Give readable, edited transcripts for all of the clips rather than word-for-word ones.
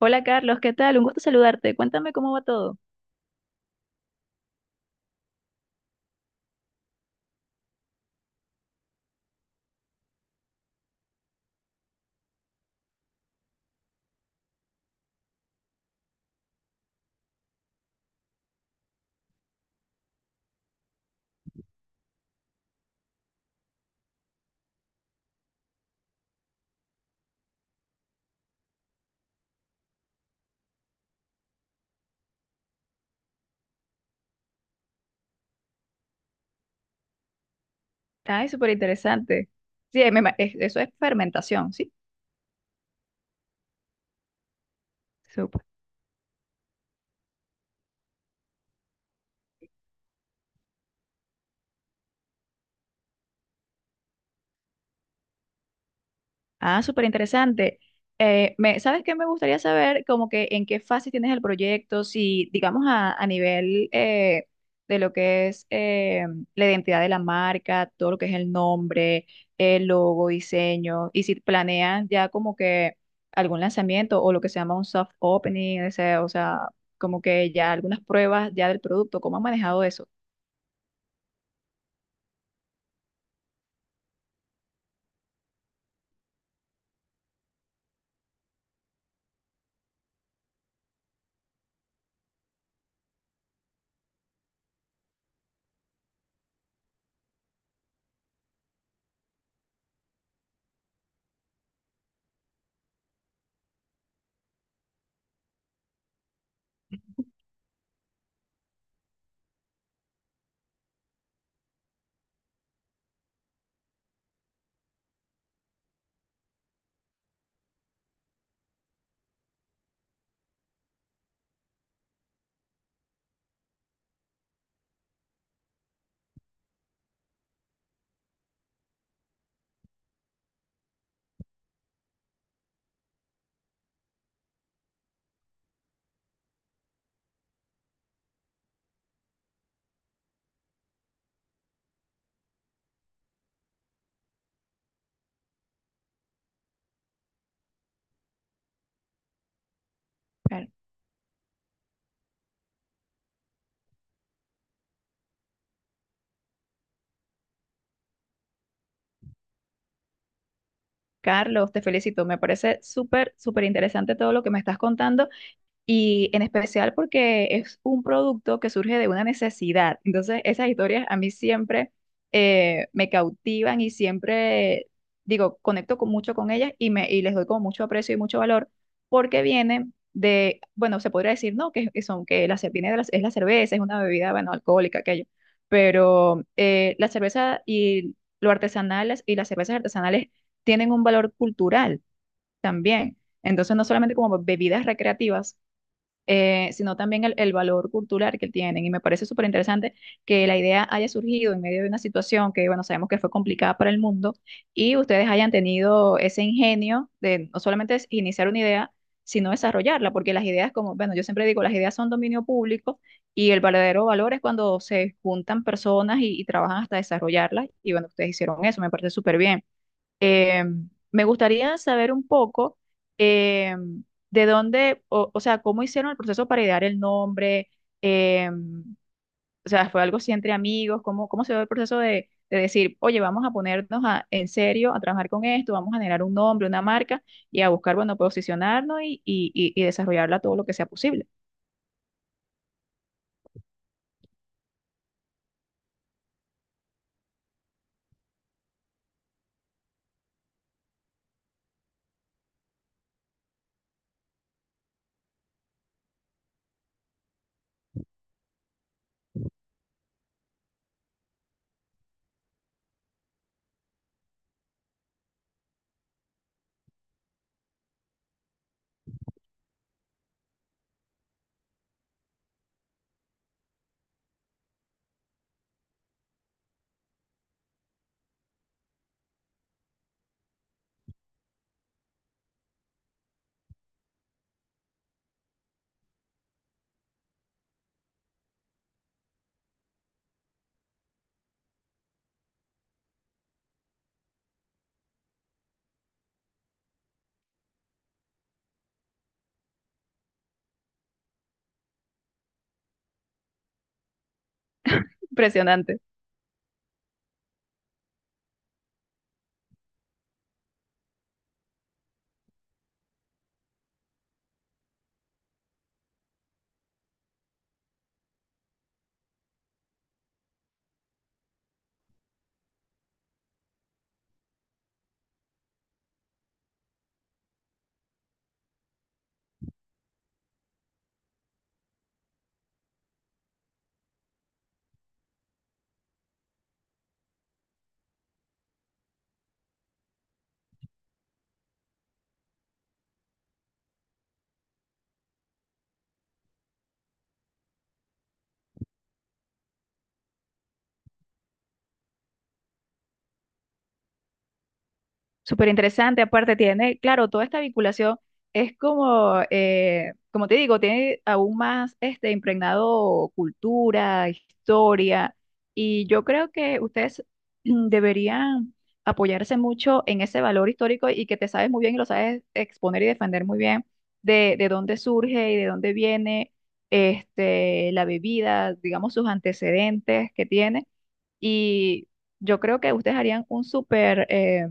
Hola Carlos, ¿qué tal? Un gusto saludarte. Cuéntame cómo va todo. Ay, súper interesante. Sí, eso es fermentación, ¿sí? Ah, súper interesante. ¿Sabes qué? Me gustaría saber como que en qué fase tienes el proyecto, si digamos a nivel de lo que es la identidad de la marca, todo lo que es el nombre, el logo, diseño, y si planean ya como que algún lanzamiento o lo que se llama un soft opening, ese, o sea, como que ya algunas pruebas ya del producto, ¿cómo han manejado eso? Claro. Carlos, te felicito, me parece súper, súper interesante todo lo que me estás contando. Y en especial porque es un producto que surge de una necesidad. Entonces, esas historias a mí siempre me cautivan y siempre, digo, conecto con, mucho con ellas y, me, y les doy como mucho aprecio y mucho valor porque vienen de, bueno, se podría decir, no, que son, que la, ce- viene de la, es la cerveza, es una bebida, bueno, alcohólica, aquello, pero la cerveza y lo artesanal y las cervezas artesanales tienen un valor cultural también. Entonces, no solamente como bebidas recreativas, sino también el valor cultural que tienen. Y me parece súper interesante que la idea haya surgido en medio de una situación que, bueno, sabemos que fue complicada para el mundo y ustedes hayan tenido ese ingenio de no solamente es iniciar una idea, sino desarrollarla, porque las ideas, como, bueno, yo siempre digo, las ideas son dominio público y el verdadero valor es cuando se juntan personas y trabajan hasta desarrollarlas. Y bueno, ustedes hicieron eso, me parece súper bien. Eh, Me gustaría saber un poco eh, de dónde, o sea, cómo hicieron el proceso para idear el nombre, eh, o sea, fue algo así entre amigos, cómo, cómo se dio el proceso de decir, oye, vamos a ponernos a- en serio a trabajar con esto, vamos a generar un nombre, una marca y a buscar, bueno, posicionarnos y, y desarrollarla todo lo que sea posible. Impresionante. Súper interesante, aparte tiene, claro, toda esta vinculación es como, como te digo, tiene aún más este impregnado cultura, historia, y yo creo que ustedes mm, deberían apoyarse mucho en ese valor histórico y que te sabes muy bien y lo sabes exponer y defender muy bien de dónde surge y de dónde viene este, la bebida, digamos, sus antecedentes que tiene, y yo creo que ustedes harían un súper…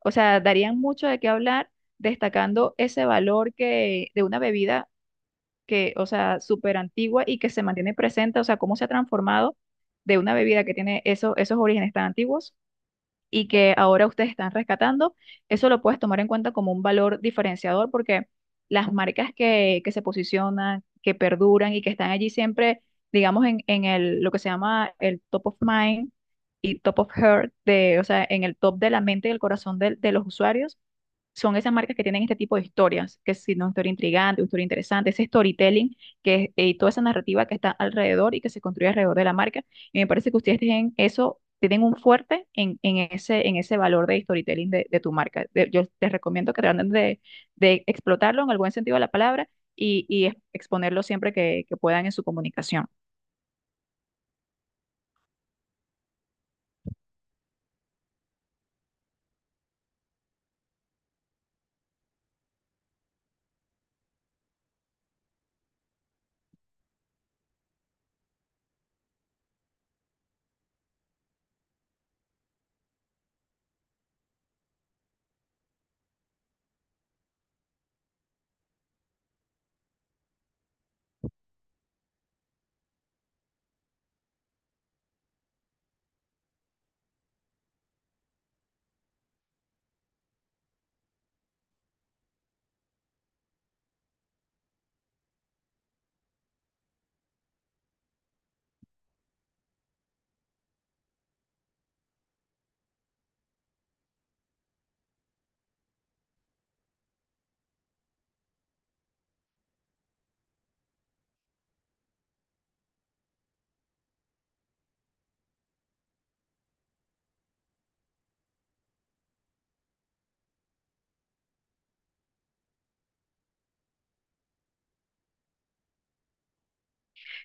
o sea, darían mucho de qué hablar, destacando ese valor que, de una bebida que, o sea, súper antigua y que se mantiene presente, o sea, cómo se ha transformado de una bebida que tiene eso- esos orígenes tan antiguos y que ahora ustedes están rescatando. Eso lo puedes tomar en cuenta como un valor diferenciador porque las marcas que se posicionan, que perduran y que están allí siempre, digamos, en el, lo que se llama el top of mind y top of heart, de, o sea, en el top de la mente y el corazón del- de los usuarios son esas marcas que tienen este tipo de historias, que si no, historia intrigante, historia interesante, ese storytelling que, y toda esa narrativa que está alrededor y que se construye alrededor de la marca. Y me parece que ustedes tienen eso, tienen un fuerte en ese valor de storytelling de tu marca. De- yo les recomiendo que traten de explotarlo en el buen sentido de la palabra y ex- exponerlo siempre que puedan en su comunicación.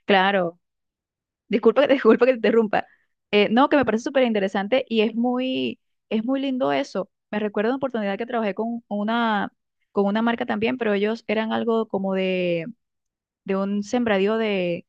Claro. Disculpa que te, disculpa que te interrumpa. No, que me parece súper interesante y es muy lindo eso. Me recuerdo una oportunidad que trabajé con una marca también, pero ellos eran algo como de un sembradío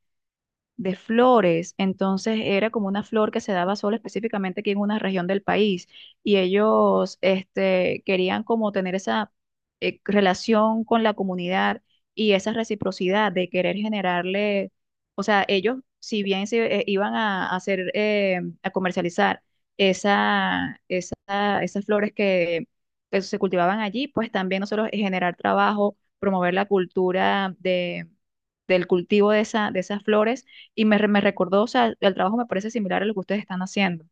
de flores, entonces era como una flor que se daba solo específicamente aquí en una región del país y ellos este, querían como tener esa relación con la comunidad y esa reciprocidad de querer generarle, o sea, ellos si bien se iban a hacer, a comercializar esa, esa- esas flores que se cultivaban allí, pues también nosotros generar trabajo, promover la cultura de, del cultivo de esa, de esas flores y me, re- me recordó, o sea, el trabajo me parece similar a lo que ustedes están haciendo.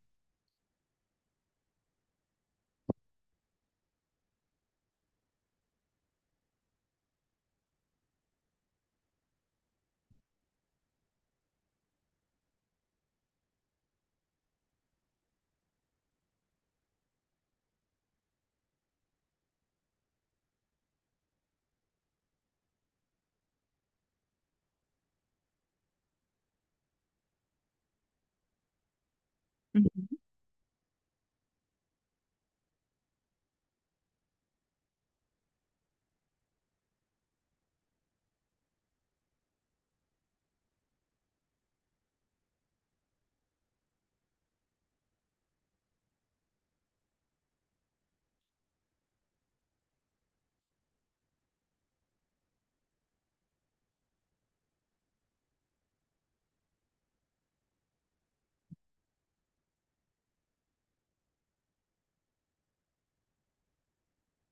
Ujú.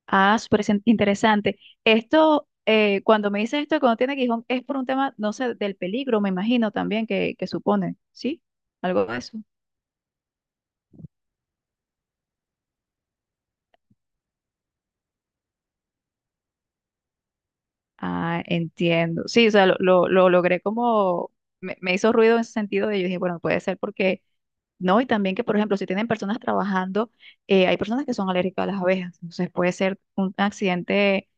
Ah, súper sen- interesante. Esto, cuando me dices esto, cuando tiene Gijón, es por un tema, no sé, del peligro, me imagino también que supone, ¿sí? Algo de eso. Ah, entiendo. Sí, o sea, lo logré como, me hizo ruido en ese sentido de yo dije, bueno, puede ser porque, no, y también que, por ejemplo, si tienen personas trabajando, hay personas que son alérgicas a las abejas, entonces puede ser un accidente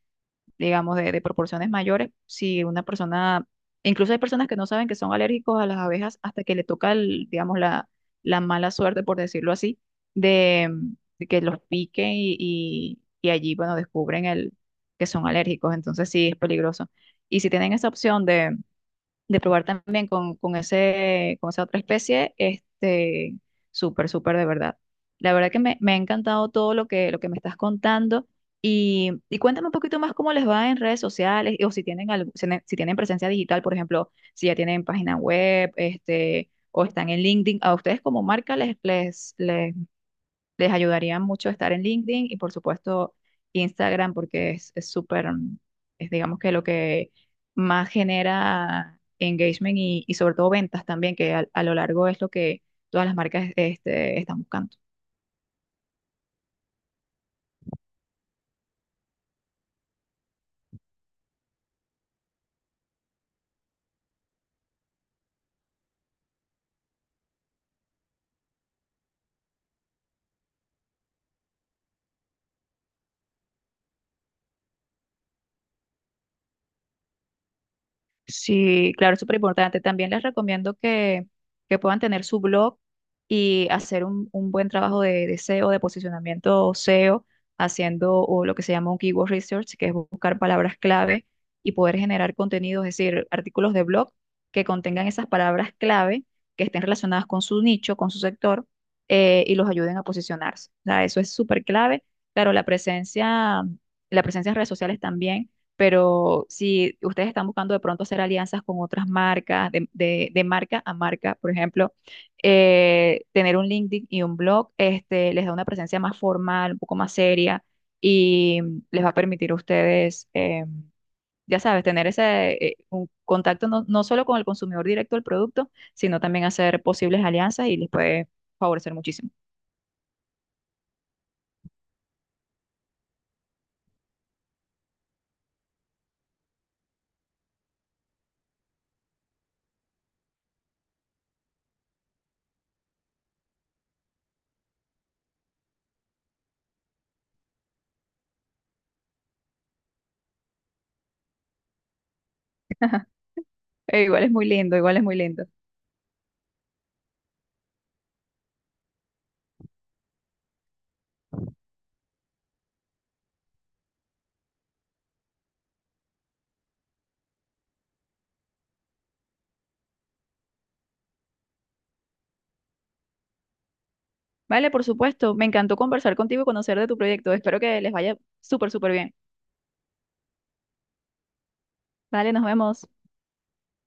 digamos, de proporciones mayores. Si una persona, incluso hay personas que no saben que son alérgicos a las abejas hasta que le toca, el, digamos, la mala suerte, por decirlo así, de, de que los piquen y allí, bueno, descubren el, que son alérgicos. Entonces sí, es peligroso. Y si tienen esa opción de probar también con ese, con esa otra especie, este, súper, súper de verdad. La verdad que me ha encantado todo lo que me estás contando y cuéntame un poquito más cómo les va en redes sociales o si tienen, algo- si tienen si tienen presencia digital, por ejemplo, si ya tienen página web, este, o están en LinkedIn, a ustedes como marca les, les, les ayudaría mucho estar en LinkedIn y por supuesto Instagram porque es súper, mm, es digamos que lo que más genera engagement y sobre todo ventas también, que al- a, lo largo es lo que todas las marcas este, están buscando. Sí, claro, es súper importante. También les recomiendo que puedan tener su blog y hacer un buen trabajo de SEO, de posicionamiento SEO, haciendo o lo que se llama un keyword research, que es buscar palabras clave y poder generar contenidos, es decir, artículos de blog que contengan esas palabras clave que estén relacionadas con su nicho, con su sector, y los ayuden a posicionarse. O sea, eso es súper clave. Claro, la presencia en redes sociales también pero si ustedes están buscando de pronto hacer alianzas con otras marcas, de marca a marca, por ejemplo, tener un LinkedIn y un blog, este, les da una presencia más formal, un poco más seria y les va a permitir a ustedes, ya sabes, tener ese un contacto no, no solo con el consumidor directo del producto, sino también hacer posibles alianzas y les puede favorecer muchísimo. Igual es muy lindo, igual es muy lindo. Vale, por supuesto, me encantó conversar contigo y conocer de tu proyecto. Espero que les vaya súper, súper bien. Vale, nos vemos.